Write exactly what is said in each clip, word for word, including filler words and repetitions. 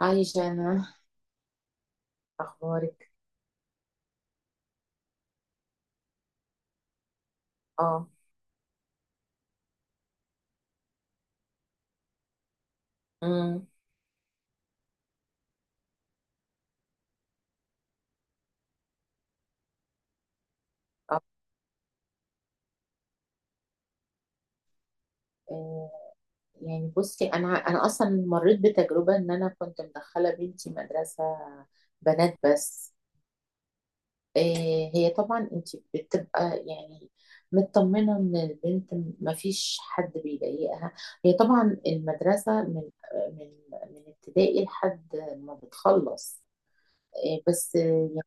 عايشة أنا. أخبارك؟ اه. امم اه. آه، يعني بصي، أنا أنا أصلا مريت بتجربة إن أنا كنت مدخلة بنتي مدرسة بنات بس. آه، هي طبعا أنت بتبقى يعني مطمنة إن البنت مفيش حد بيضايقها. هي طبعا المدرسة من من من ابتدائي لحد ما بتخلص. آه، بس آه، يعني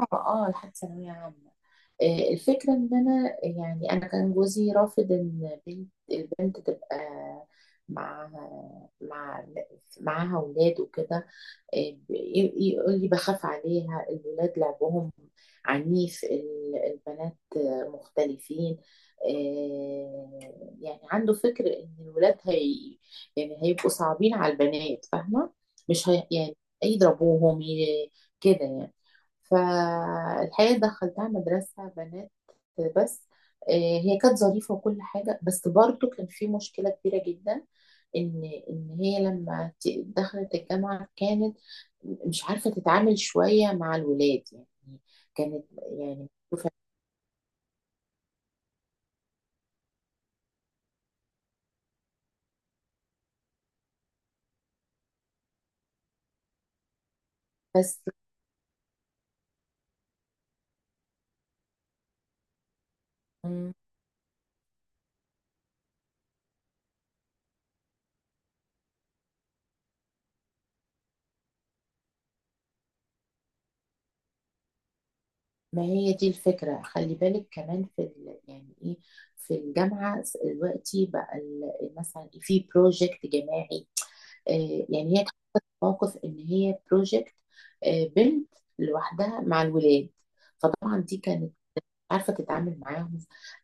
اه آه، لحد ثانوية عامة. آه، الفكرة إن أنا يعني أنا كان جوزي رافض إن بنت البنت تبقى مع مع معاها أولاد وكده. ي- يقول لي بخاف عليها، الولاد لعبهم عنيف، ال- البنات مختلفين. آه، يعني عنده فكر ان الولاد هي يعني هيبقوا صعبين على البنات، فاهمة؟ مش هي يعني يضربوهم ي- كده يعني. فالحقيقة دخلتها مدرسة بنات بس. آه، هي كانت ظريفة وكل حاجة، بس برضو كان في مشكلة كبيرة جدا، ان ان هي لما ت- دخلت الجامعه كانت مش عارفة تتعامل شوية مع الولاد يعني. كانت يعني، بس ما هي دي الفكرة. خلي بالك كمان في ال... يعني ايه، في الجامعة دلوقتي بقى ال- مثلا في بروجكت جماعي. آه، يعني هي كانت موقف ان هي بروجكت، بنت لوحدها مع الولاد. فطبعا دي كانت عارفة تتعامل معاهم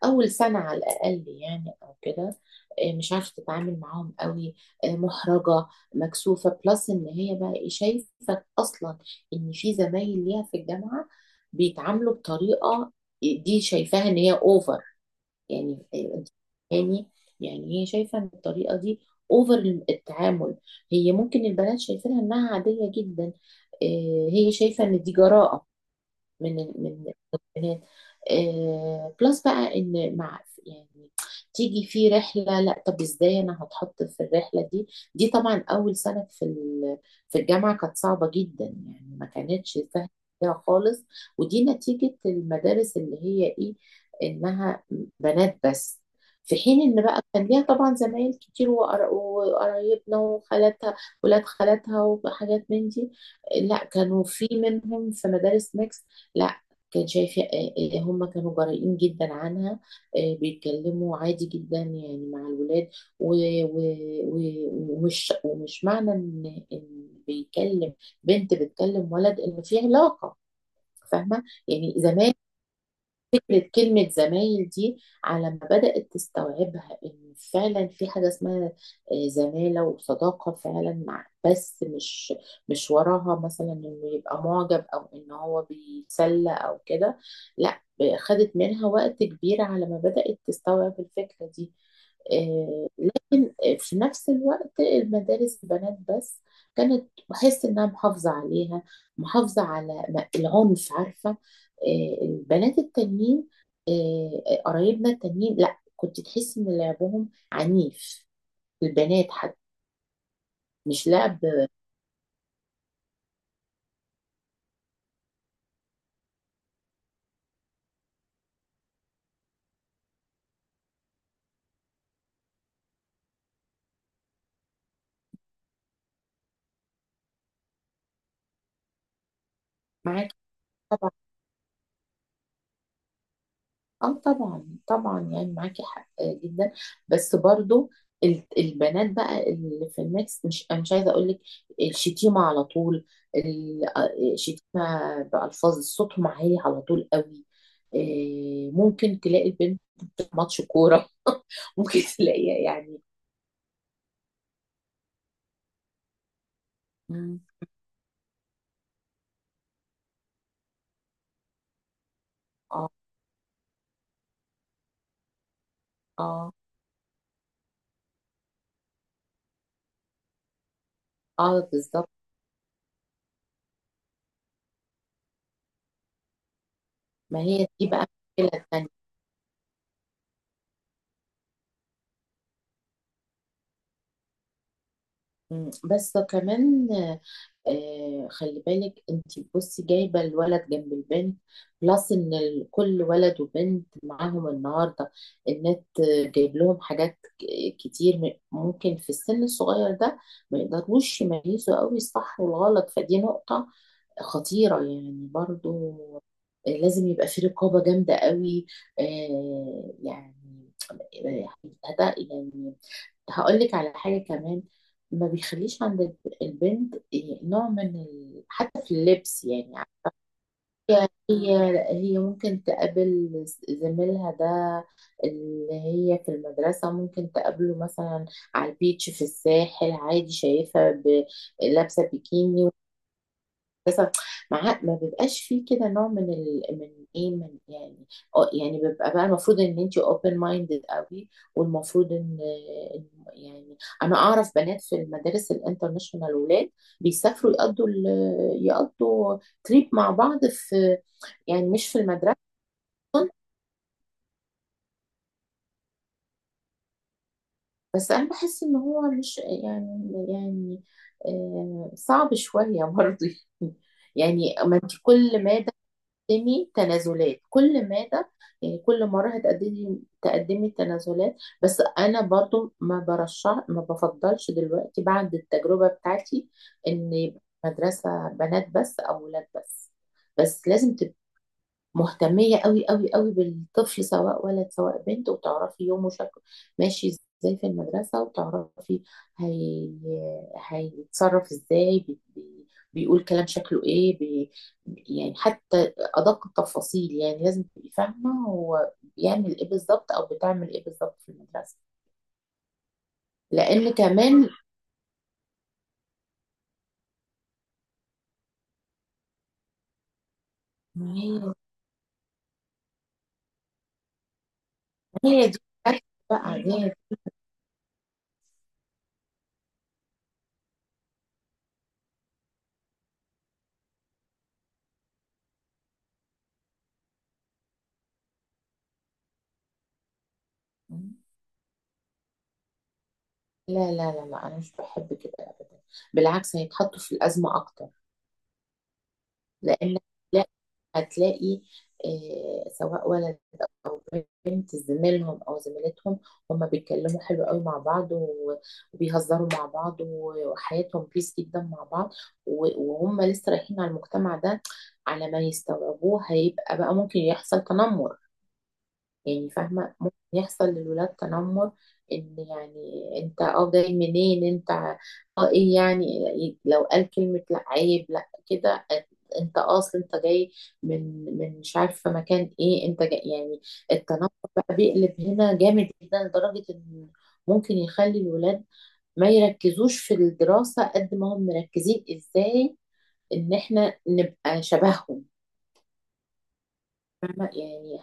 أول سنة على الأقل يعني أو كده. إيه، مش عارفة تتعامل معاهم قوي. إيه، محرجة، مكسوفة بلس. إن هي بقى إيه، شايفة أصلا إن في زمايل ليها في الجامعة بيتعاملوا بطريقة دي شايفاها إن هي أوفر. يعني إيه، أنت يعني، يعني هي شايفة إن الطريقة دي أوفر التعامل. هي ممكن البنات شايفينها إنها عادية جدا، إيه، هي شايفة إن دي جراءة من ال- من البنات آه بلس بقى ان مع يعني تيجي في رحله، لا طب ازاي انا هتحط في الرحله دي. دي طبعا اول سنه في ال- في الجامعه كانت صعبه جدا يعني، ما كانتش سهله فيها خالص. ودي نتيجه المدارس اللي هي ايه، انها بنات بس. في حين ان بقى كان ليها طبعا زمايل كتير، وقر- وقرايبنا وخالاتها، ولاد خالاتها وحاجات من دي. لا، كانوا في منهم في مدارس ميكس. لا، كان شايفة آه، آه، هم كانوا جريئين جدا عنها. آه، بيتكلموا عادي جدا يعني مع الولاد، و- و- و- ومش ومش معنى ان إن بيكلم بنت بتكلم ولد ان في علاقة. فاهمة يعني؟ زمان فكرة كلمة زمايل دي على ما بدأت تستوعبها إن فعلا في حاجة اسمها آه، زمالة وصداقة فعلا، مع بس مش مش وراها مثلا إنه يبقى معجب أو إن هو بيتسلى أو كده. لا، خدت منها وقت كبير على ما بدأت تستوعب الفكرة دي. آه، في نفس الوقت المدارس بنات بس كانت بحس انها محافظة عليها، محافظة على م- العنف، عارفة؟ آه، البنات التانيين آه، آه، قرايبنا التانيين، لا كنت تحس ان لعبهم عنيف، البنات حتى مش لعب. معاك اه، طبعا طبعا يعني معاكي حق جدا. بس برضو ال- البنات بقى اللي في الميكس، مش أنا مش عايزه اقول لك الشتيمه على طول، ال- آه، الشتيمه بالفاظ، صوتهم عالي على طول قوي. آه، ممكن تلاقي البنت في ماتش كوره ممكن تلاقيها يعني. مم، اه اه اه، بالظبط. ما هي دي بقى المشكله الثانيه. بس كمان آه، خلي بالك انت، بصي، جايبه الولد جنب البنت بلس ان ال- كل ولد وبنت معاهم النهارده النت، جايب لهم حاجات ك- كتير، م- ممكن في السن الصغير ده ما يقدروش يميزوا قوي الصح والغلط. فدي نقطه خطيرة يعني برضو. آه، لازم يبقى في رقابة جامدة قوي. آه، يعني آه، هت- يعني هقول لك على حاجة كمان، ما بيخليش عند الب- البنت نوع من ال... حتى في اللبس يعني. هي هي هي ممكن تقابل زميلها ده اللي هي في المدرسة ممكن تقابله مثلا على البيتش في الساحل عادي، شايفها ب- لابسة بيكيني بس. مع ما بيبقاش فيه كده نوع من ال... من ايه، من يعني اه يعني بيبقى بقى، المفروض ان انت open minded قوي، والمفروض ان إن يعني انا اعرف بنات في المدارس الانترناشونال، ولاد بيسافروا يقضوا ال... يقضوا تريب مع بعض، في يعني مش في المدرسة بس. انا بحس ان هو مش يعني، يعني آه، صعب شوية برضه. يعني ما انت كل مادة تقدمي تنازلات، كل مادة يعني، كل مرة هتقدمي تقدمي تنازلات. بس أنا برضو ما برشح ما بفضلش دلوقتي بعد التجربة بتاعتي إن يبقى مدرسة بنات بس أو ولاد بس. بس لازم مهتمية قوي قوي قوي بالطفل، سواء ولد سواء بنت، وتعرفي يومه شكله ماشي ازاي في المدرسة، وتعرفي هي... هيتصرف ازاي بي... بي... بيقول كلام شكله ايه بي... يعني حتى أدق التفاصيل، يعني لازم تبقي فاهمة هو بيعمل ايه بالظبط أو بتعمل ايه بالظبط في المدرسة. لأن كمان هي هي دي بقى هي. لا لا لا لا، أنا مش بحب كده أبدا، بالعكس هيتحطوا في الأزمة أكتر. لان، لا، هتلاقي آه، سواء ولد او بنت، زميلهم او زميلتهم، هما بيتكلموا حلو قوي مع بعض، و- وبيهزروا مع بعض، و- وحياتهم بيس جدا مع بعض، و- وهم لسه رايحين على المجتمع ده، على ما يستوعبوه هيبقى بقى ممكن يحصل تنمر. يعني فاهمة؟ ممكن يحصل للولاد تنمر، ان يعني، انت اه جاي منين انت، اه ايه يعني، لو قال كلمة لا عيب لا كده. انت آه، اصل انت جاي من من مش عارفة مكان ايه انت جاي يعني. التنمر بقى بيقلب هنا جامد جدا لدرجة ان ممكن يخلي الولاد ما يركزوش في الدراسة قد ما هم مركزين ازاي ان احنا نبقى شبههم. فاهمة يعني؟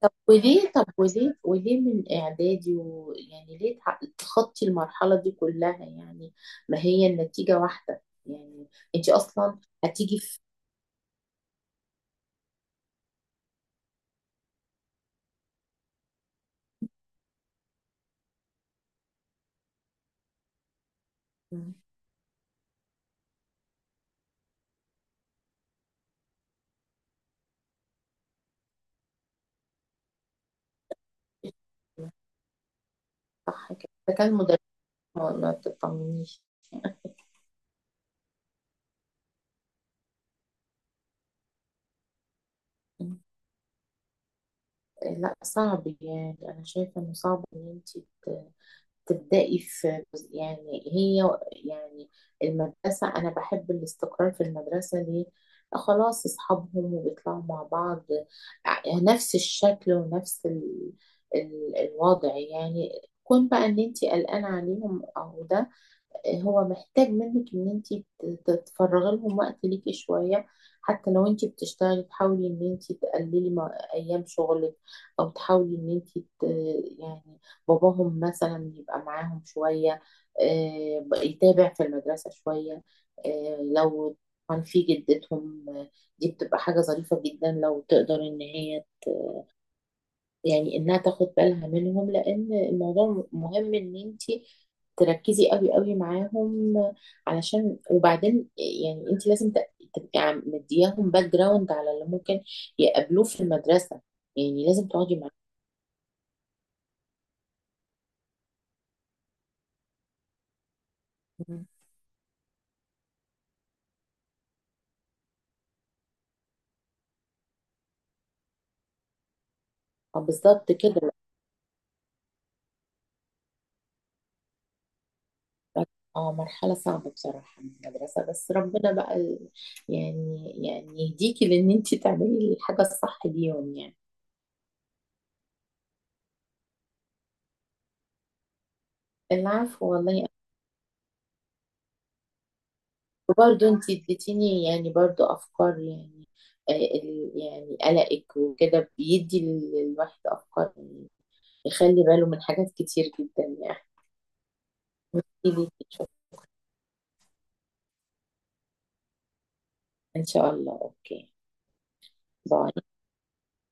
طب وليه، طب وليه وليه من اعدادي؟ ويعني ليه تع- تخطي المرحله دي كلها يعني؟ ما هي النتيجه واحده يعني، انت اصلا هتيجي في مم. صح كده، ده كان مدرس. ما ما تطمنيش. مم. لا، صعب يعني. انا شايفه انه صعب ان انت تبدأي في جزء- يعني هي يعني المدرسة. أنا بحب الاستقرار في المدرسة، ليه؟ خلاص أصحابهم وبيطلعوا مع بعض، ع- نفس الشكل ونفس ال... ال... الوضع يعني. كون بقى إن أنتي قلقانة عليهم أو ده، هو محتاج منك ان انت تتفرغي لهم، وقت ليكي شويه. حتى لو انت بتشتغلي تحاولي ان انت تقللي مع- ايام شغلك، او تحاولي ان انت ت- يعني باباهم مثلا يبقى معاهم شويه، آه، ب- يتابع في المدرسه شويه. آه، لو كان في جدتهم آه، دي بتبقى حاجه ظريفه جدا لو تقدر ان هي يعني انها تاخد بالها منهم. لان الموضوع مهم، ان انت تركزي قوي قوي معاهم. علشان وبعدين يعني انت لازم ت- تبقي عم- مدياهم باك جراوند على اللي ممكن يقابلوه في المدرسة، يعني لازم تقعدي معاهم. آه، بالظبط كده. اه، مرحلة صعبة بصراحة من المدرسة، بس ربنا بقى ال- يعني يعني يهديكي لان انت تعملي الحاجة الصح ليهم يعني. العفو والله. برضه انت اديتيني يعني برضه افكار يعني. آه، ال- يعني قلقك وكده بيدي للواحد افكار يعني، يخلي باله من حاجات كتير جدا يعني. احكي لي شوف. ان شاء الله. اوكي، باي.